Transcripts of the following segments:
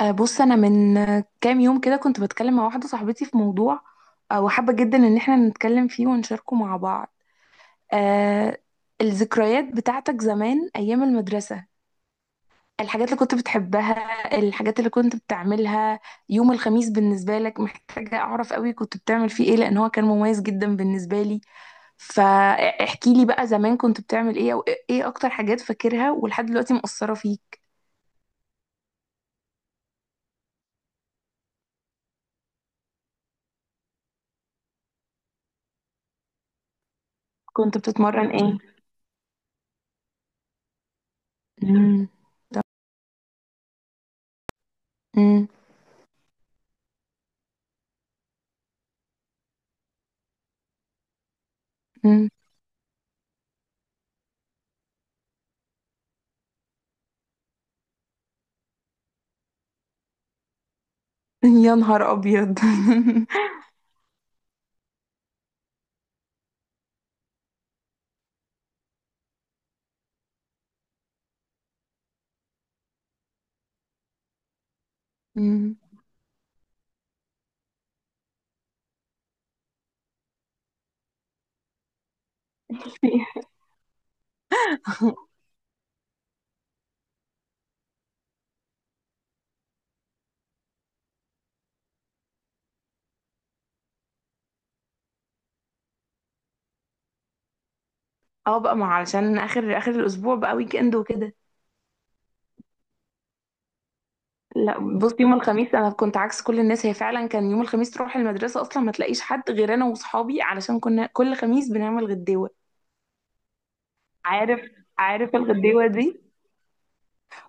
بص انا من كام يوم كده كنت بتكلم مع واحده صاحبتي في موضوع. وحابه جدا ان احنا نتكلم فيه ونشاركه مع بعض. آه، الذكريات بتاعتك زمان ايام المدرسه، الحاجات اللي كنت بتحبها، الحاجات اللي كنت بتعملها. يوم الخميس بالنسبه لك محتاجه اعرف قوي كنت بتعمل فيه ايه، لان هو كان مميز جدا بالنسبه لي. فاحكي لي بقى زمان كنت بتعمل ايه، او ايه اكتر حاجات فاكرها ولحد دلوقتي مؤثره فيك. كنت بتتمرن ايه؟ مم. مم. يا نهار ابيض. مم. فيها. اه بقى، ما علشان اخر اخر الاسبوع بقى، ويك اند وكده. لا بص، يوم الخميس انا كنت عكس كل الناس. هي فعلا كان يوم الخميس تروح المدرسه اصلا ما تلاقيش حد غير انا واصحابي، علشان كنا كل خميس بنعمل غداوه. عارف؟ عارف الغديوه دي؟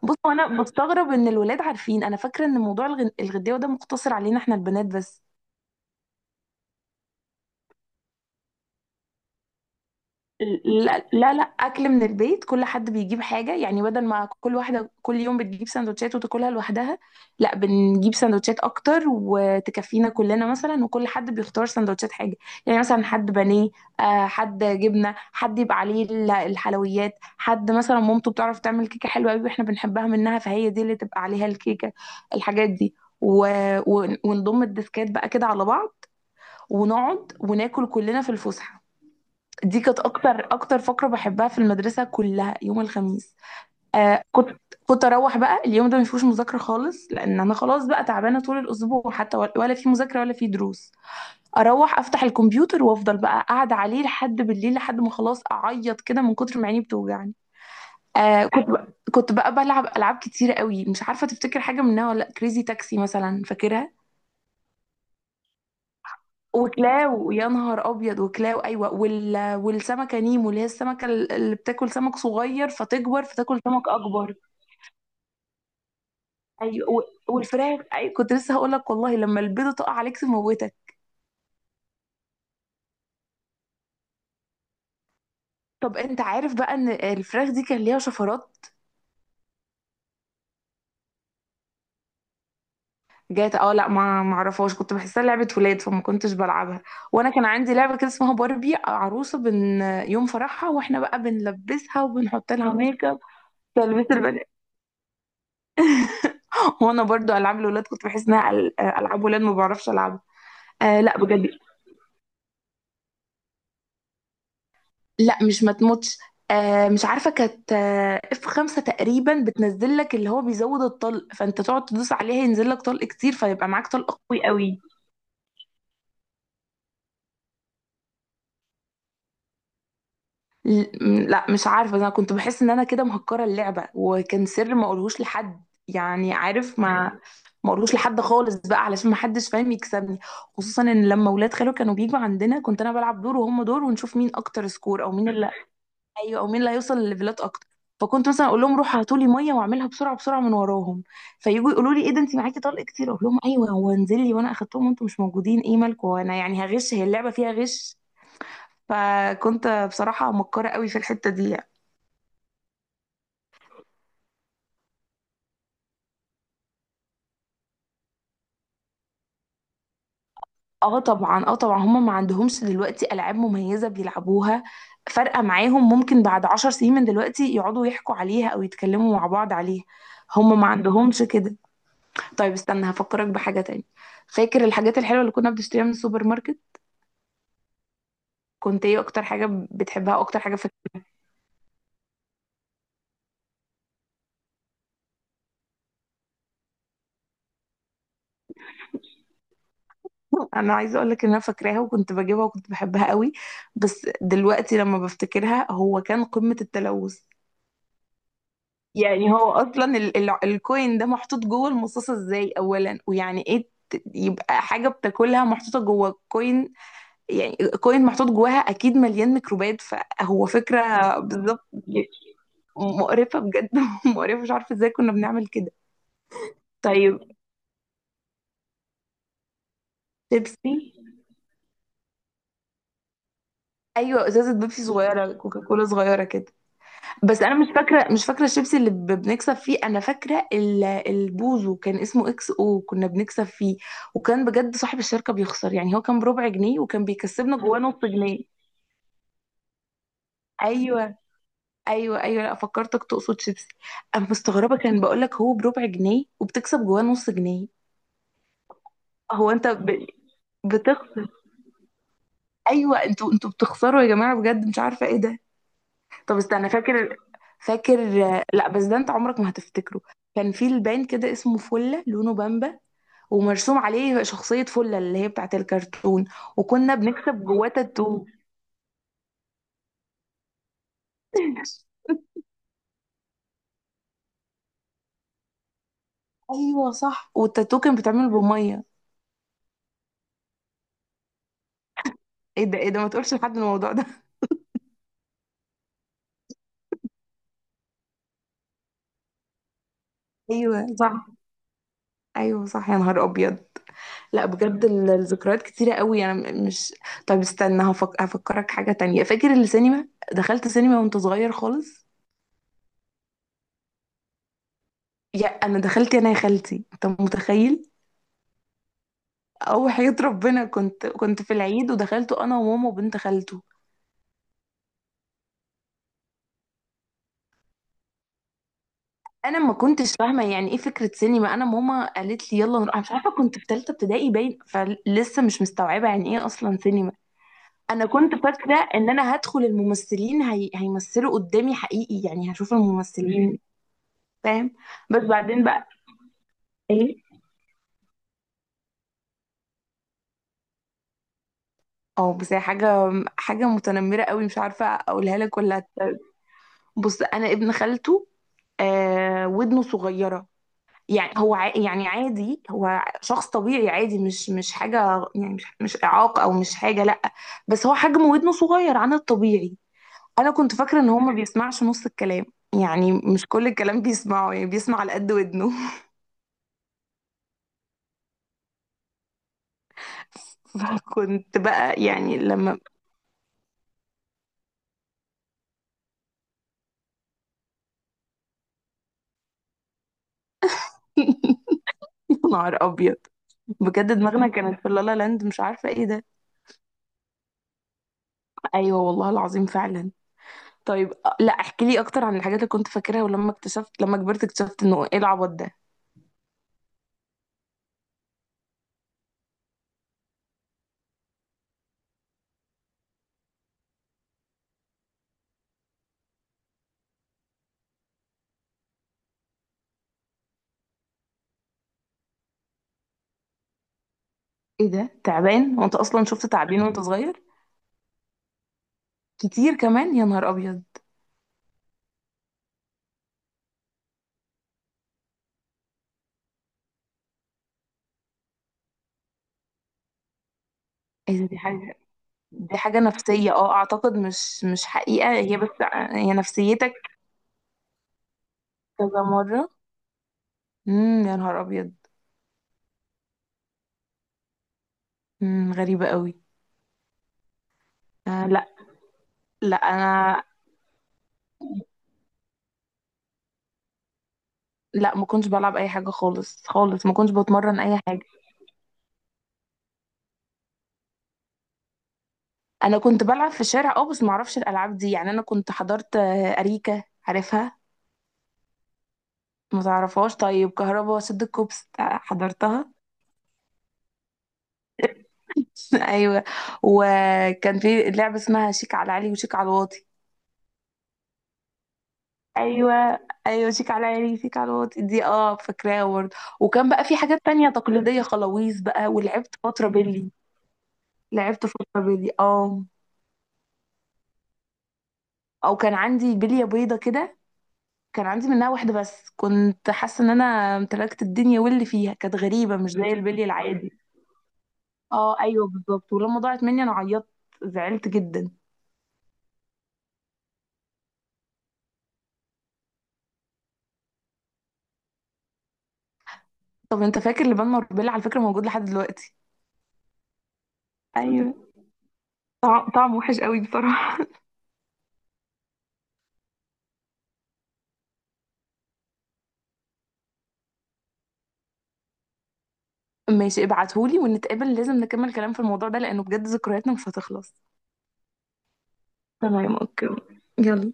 بص، هو انا بستغرب ان الولاد عارفين. انا فاكره ان موضوع الغداوه ده مقتصر علينا احنا البنات بس. لا لا لا، اكل من البيت، كل حد بيجيب حاجه، يعني بدل ما كل واحده كل يوم بتجيب سندوتشات وتاكلها لوحدها. لا، بنجيب سندوتشات اكتر وتكفينا كلنا مثلا، وكل حد بيختار سندوتشات حاجه. يعني مثلا حد بانيه، حد جبنه، حد يبقى عليه الحلويات، حد مثلا مامته بتعرف تعمل كيكه حلوه قوي واحنا بنحبها منها، فهي دي اللي تبقى عليها الكيكه. الحاجات دي. و... ونضم الديسكات بقى كده على بعض ونقعد وناكل كلنا في الفسحه. دي كانت اكتر اكتر فقره بحبها في المدرسه كلها، يوم الخميس. آه كنت كنت اروح بقى اليوم ده ما فيهوش مذاكره خالص، لان انا خلاص بقى تعبانه طول الاسبوع، حتى ولا في مذاكره ولا في دروس. اروح افتح الكمبيوتر وافضل بقى قاعده عليه لحد بالليل، لحد ما خلاص اعيط كده من كتر ما عيني بتوجعني. آه كنت بقى كنت بقى بلعب العاب كتيره قوي، مش عارفه تفتكر حاجه منها ولا، كريزي تاكسي مثلا فاكرها. وكلاو، يا نهار ابيض، وكلاو، ايوه، والسمكه نيمو، اللي هي السمكه اللي بتاكل سمك صغير فتكبر فتاكل سمك اكبر. ايوه. والفراخ، ايوه، كنت لسه هقول لك، والله لما البيضه تقع عليك تموتك. طب انت عارف بقى ان الفراخ دي كان ليها شفرات؟ جات، اه، لا ما اعرفهاش، كنت بحسها لعبه ولاد فما كنتش بلعبها. وانا كان عندي لعبه كده اسمها باربي عروسه بن، يوم فرحها، واحنا بقى بنلبسها وبنحط لها ميك اب. تلبس البنات. هو انا برضو العاب الولاد كنت بحس انها العاب ولاد، ما بعرفش العبها. لا بجد. لا، مش ما تموتش. مش عارفه، كانت اف 5 تقريبا بتنزل لك، اللي هو بيزود الطلق، فانت تقعد تدوس عليها ينزل لك طلق كتير فيبقى معاك طلق قوي قوي. لا مش عارفه، انا كنت بحس ان انا كده مهكره اللعبه، وكان سر ما اقولهوش لحد، يعني، عارف، ما اقولهوش لحد خالص بقى علشان ما حدش فاهم يكسبني. خصوصا ان لما ولاد خالو كانوا بيجوا عندنا، كنت انا بلعب دور وهم دور، ونشوف مين اكتر سكور او مين. ايوه، او مين اللي هيوصل لليفلات اكتر. فكنت مثلا اقول لهم روحوا هاتوا لي ميه، واعملها بسرعه بسرعه من وراهم. فيجوا يقولوا لي ايه ده انت معاكي طلق كتير، اقول لهم ايوه هو انزل لي وانا اخدتهم وانتم مش موجودين. ايه مالكم؟ وانا يعني هغش، هي اللعبه فيها غش. فكنت بصراحه مكاره قوي في الحته دي يعني. اه طبعا، اه طبعا، هم ما عندهمش دلوقتي العاب مميزه بيلعبوها فارقه معاهم، ممكن بعد عشر سنين من دلوقتي يقعدوا يحكوا عليها او يتكلموا مع بعض عليها. هم ما عندهمش كده. طيب استنى هفكرك بحاجة تاني. فاكر الحاجات الحلوة اللي كنا بنشتريها من السوبر ماركت؟ كنت ايه اكتر حاجة بتحبها، اكتر حاجة فاكرها؟ انا عايزة اقولك ان انا فاكراها وكنت بجيبها وكنت بحبها قوي، بس دلوقتي لما بفتكرها هو كان قمة التلوث. يعني هو اصلا الكوين ده محطوط جوه المصاصة ازاي اولا، ويعني ايه يبقى حاجة بتاكلها محطوطة جوه كوين. يعني كوين محطوط جواها اكيد مليان ميكروبات، فهو فكرة. بالظبط. مقرفة بجد. مقرفة، مش عارفة ازاي كنا بنعمل كده. طيب. بيبسي. ايوه، ازازة بيبسي صغيرة، كوكا كولا صغيرة كده. بس انا مش فاكرة، مش فاكرة الشيبسي اللي بنكسب فيه، انا فاكرة البوزو، كان اسمه اكس او، كنا بنكسب فيه. وكان بجد صاحب الشركة بيخسر، يعني هو كان بربع جنيه وكان بيكسبنا جواه نص جنيه. ايوه. ايوه ايوه، لا فكرتك تقصد شيبسي. انا مستغربة، كان بقولك هو بربع جنيه وبتكسب جواه نص جنيه. هو انت بتخسر. ايوه، انتوا بتخسروا يا جماعه، بجد مش عارفه ايه ده. طب استنى، فاكر. لا بس ده انت عمرك ما هتفتكره. كان في البان كده اسمه فله، لونه بامبا، ومرسوم عليه شخصيه فله اللي هي بتاعت الكرتون. وكنا بنكتب جواه تاتو. ايوه صح، والتاتو كان بيتعمل بميه. ايه ده، ايه ده، ما تقولش لحد الموضوع ده. ايوه صح. ايوه صح يا نهار ابيض. لا بجد، الذكريات كتيرة قوي، انا مش. طب استنى هفكرك حاجة تانية. فاكر السينما؟ دخلت سينما وانت صغير خالص؟ يا انا دخلت، انا يا خالتي انت متخيل. او وحياة ربنا، كنت في العيد ودخلت انا وماما وبنت خالته. انا ما كنتش فاهمة يعني ايه فكرة سينما، انا ماما قالت لي يلا نروح، أنا مش عارفة، كنت في ثالثة ابتدائي باين، فلسه مش مستوعبة يعني ايه اصلا سينما. انا كنت فاكرة ان انا هدخل الممثلين هيمثلوا قدامي حقيقي، يعني هشوف الممثلين. فاهم؟ بس بعدين بقى. ايه. اه بس هي حاجه متنمره قوي، مش عارفه اقولها لك ولا بص، انا ابن خالته، آه، ودنه صغيره، يعني هو يعني عادي، هو شخص طبيعي عادي، مش حاجه يعني، مش اعاقه او مش حاجه، لا، بس هو حجم ودنه صغير عن الطبيعي. انا كنت فاكره ان هو ما بيسمعش نص الكلام، يعني مش كل الكلام بيسمعه، يعني بيسمع على قد ودنه. فكنت بقى يعني لما. نهار ابيض، بجد دماغنا كانت في لالا لاند، مش عارفة ايه ده. ايوه والله العظيم فعلا. طيب، لا احكي لي اكتر عن الحاجات اللي كنت فاكرها، ولما اكتشفت، لما كبرت اكتشفت انه ايه العبط ده. ايه ده، تعبان؟ وانت اصلا شفت تعابين وانت صغير؟ كتير كمان، يا نهار ابيض. ايه ده، دي حاجة، دي حاجة نفسية، اه اعتقد، مش مش حقيقة هي، بس هي نفسيتك. كذا مرة. يا نهار ابيض. غريبة قوي. آه، لا. لا انا لا ما كنتش بلعب اي حاجة خالص خالص، ما كنتش بتمرن اي حاجة. انا كنت بلعب في الشارع اه، بس معرفش الالعاب دي. يعني انا كنت حضرت، اريكة، عارفها؟ ما تعرفهاش؟ طيب كهربا وسد الكوبس، حضرتها؟ ايوه. وكان في لعبه اسمها شيك على علي وشيك على الواطي. ايوه. ايوه شيك على علي شيك على الواطي دي، اه فاكراها برضه. وكان بقى في حاجات تانية تقليديه، خلاويص بقى، ولعبت فتره بيلي. اه. او كان عندي بليه بيضه كده، كان عندي منها واحدة بس، كنت حاسة ان انا امتلكت الدنيا، واللي فيها كانت غريبة مش زي البلي العادي. اه ايوه بالظبط. ولما ضاعت مني انا عيطت، زعلت جدا. طب انت فاكر لبان مربلة؟ على فكرة موجود لحد دلوقتي. ايوه. طعم وحش قوي بصراحة. ماشي ابعتهولي، ونتقابل لازم نكمل كلام في الموضوع ده، لانه بجد ذكرياتنا مش هتخلص. تمام، اوكي. يلا.